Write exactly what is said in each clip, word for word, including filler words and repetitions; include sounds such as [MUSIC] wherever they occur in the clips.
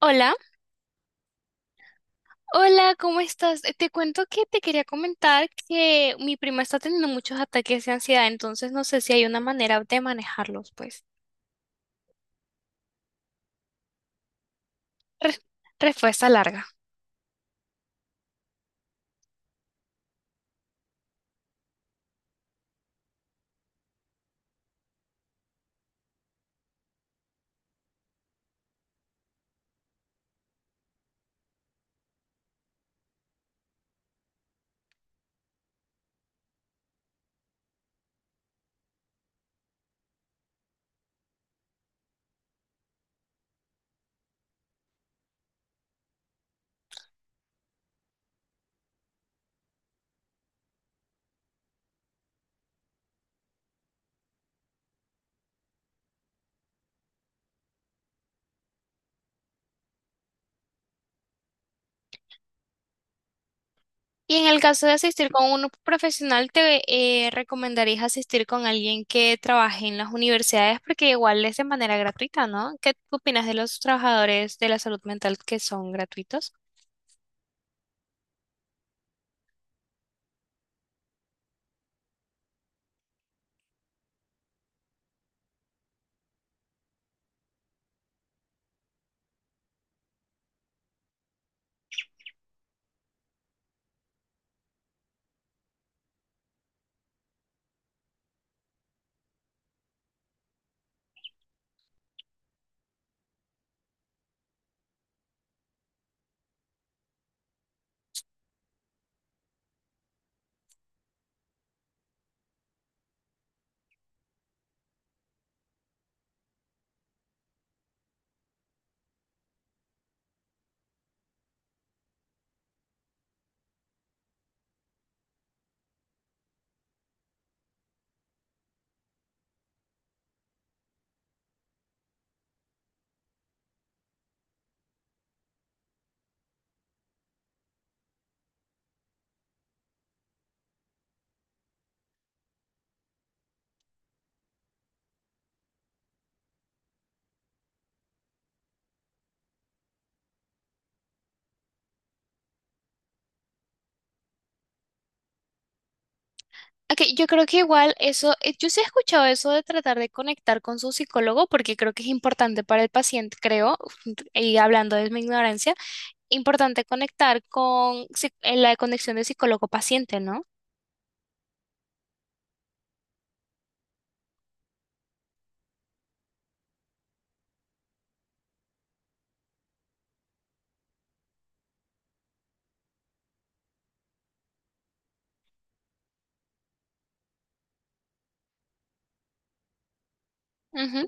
Hola, hola, ¿cómo estás? Eh, Te cuento que te quería comentar que mi prima está teniendo muchos ataques de ansiedad, entonces no sé si hay una manera de manejarlos, pues. Res- Respuesta larga. Y en el caso de asistir con un profesional, te eh, recomendarías asistir con alguien que trabaje en las universidades porque igual es de manera gratuita, ¿no? ¿Qué opinas de los trabajadores de la salud mental que son gratuitos? Ok, yo creo que igual eso, eh, yo sí he escuchado eso de tratar de conectar con su psicólogo porque creo que es importante para el paciente, creo, [LAUGHS] y hablando de mi ignorancia, importante conectar con psi- eh, la conexión de psicólogo-paciente, no. Ujú.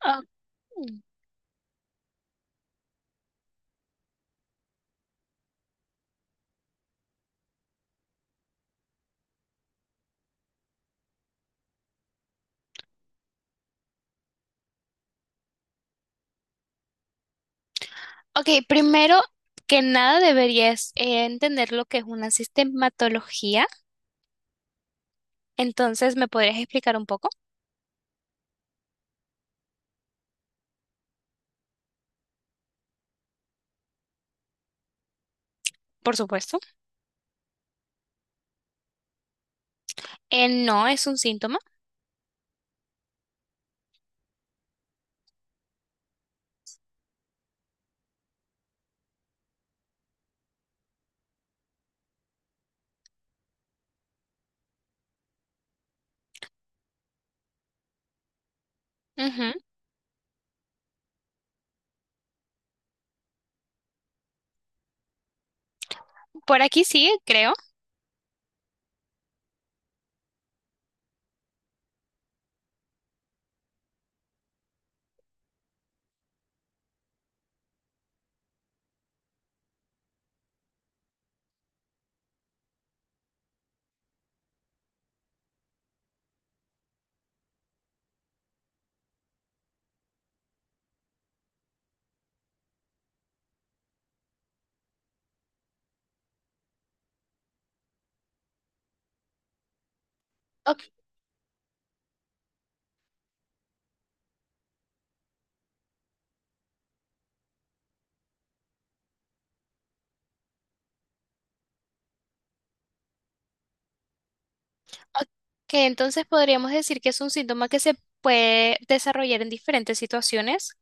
Ah, mm. Ok, primero que nada deberías eh, entender lo que es una sistematología, entonces, ¿me podrías explicar un poco? Por supuesto. Eh, no, es un síntoma. Ujú. Por aquí sí creo. Ok, entonces podríamos decir que es un síntoma que se puede desarrollar en diferentes situaciones.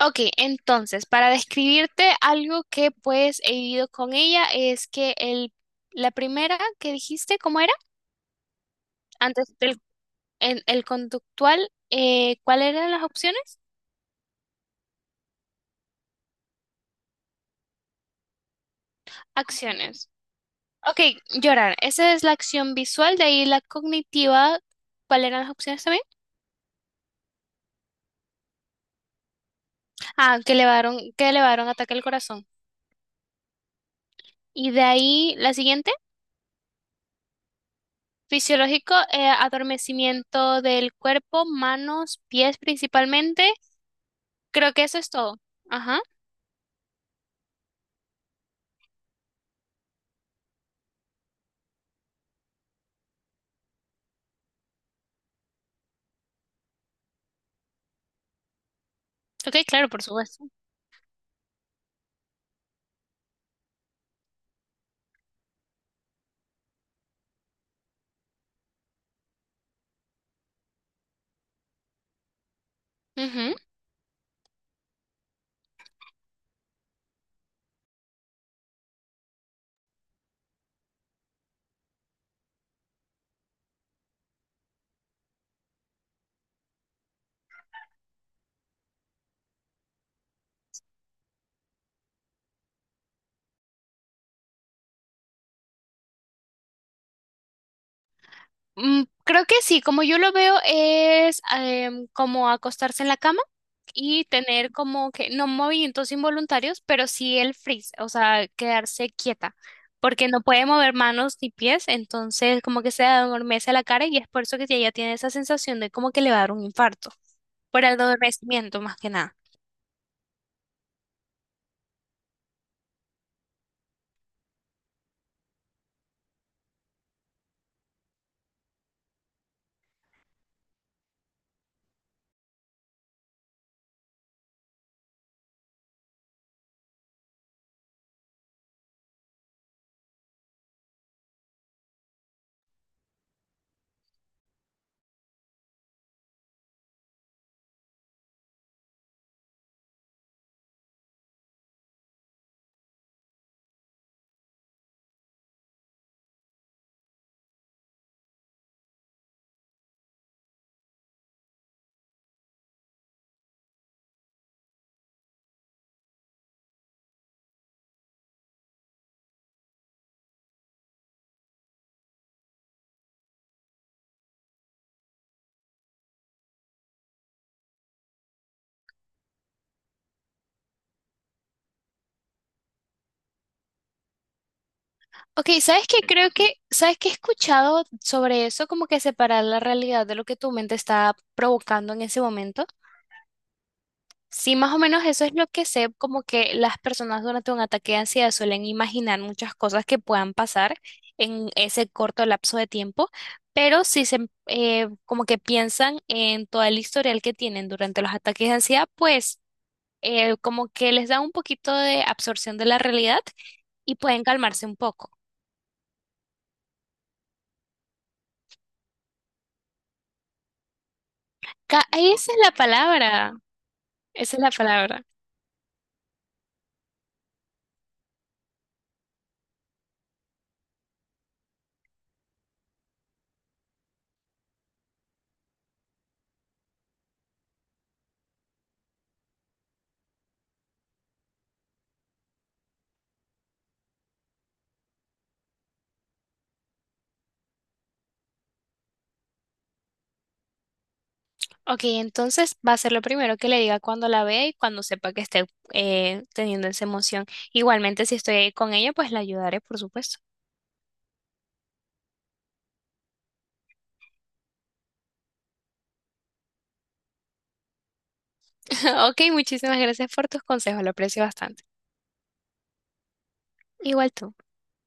Ok, entonces, para describirte algo que pues he vivido con ella es que el, la primera que dijiste, ¿cómo era? Antes del en- el conductual, eh, ¿cuáles eran las opciones? Acciones. Ok, llorar. Esa es la acción visual, de ahí la cognitiva. ¿Cuáles eran las opciones también? Ah, que elevaron, que elevaron ataque al corazón. Y de ahí la siguiente. Fisiológico, eh, adormecimiento del cuerpo, manos, pies principalmente. Creo que eso es todo. Ajá. Ok, claro, por supuesto. Ujú. Mm, creo que sí, como yo lo veo es em, como acostarse en la cama y tener como que no movimientos involuntarios, pero sí el freeze, o sea, quedarse quieta, porque no puede mover manos ni pies, entonces como que se adormece la cara y es por eso que ella tiene esa sensación de como que le va a dar un infarto, por el adormecimiento más que nada. Ok, ¿sabes qué? Creo que, ¿sabes qué he escuchado sobre eso? Como que separar la realidad de lo que tu mente está provocando en ese momento. Sí, más o menos eso es lo que sé, como que las personas durante un ataque de ansiedad suelen imaginar muchas cosas que puedan pasar en ese corto lapso de tiempo, pero sí se, eh, como que piensan en todo el historial que tienen durante los ataques de ansiedad, pues eh, como que les da un poquito de absorción de la realidad y pueden calmarse un poco. Ca- Esa es la palabra, esa es la palabra. Ok, entonces va a ser lo primero que le diga cuando la vea y cuando sepa que esté eh, teniendo esa emoción. Igualmente, si estoy ahí con ella, pues la ayudaré, por supuesto. [LAUGHS] Ok, muchísimas gracias por tus consejos, lo aprecio bastante. Igual tú.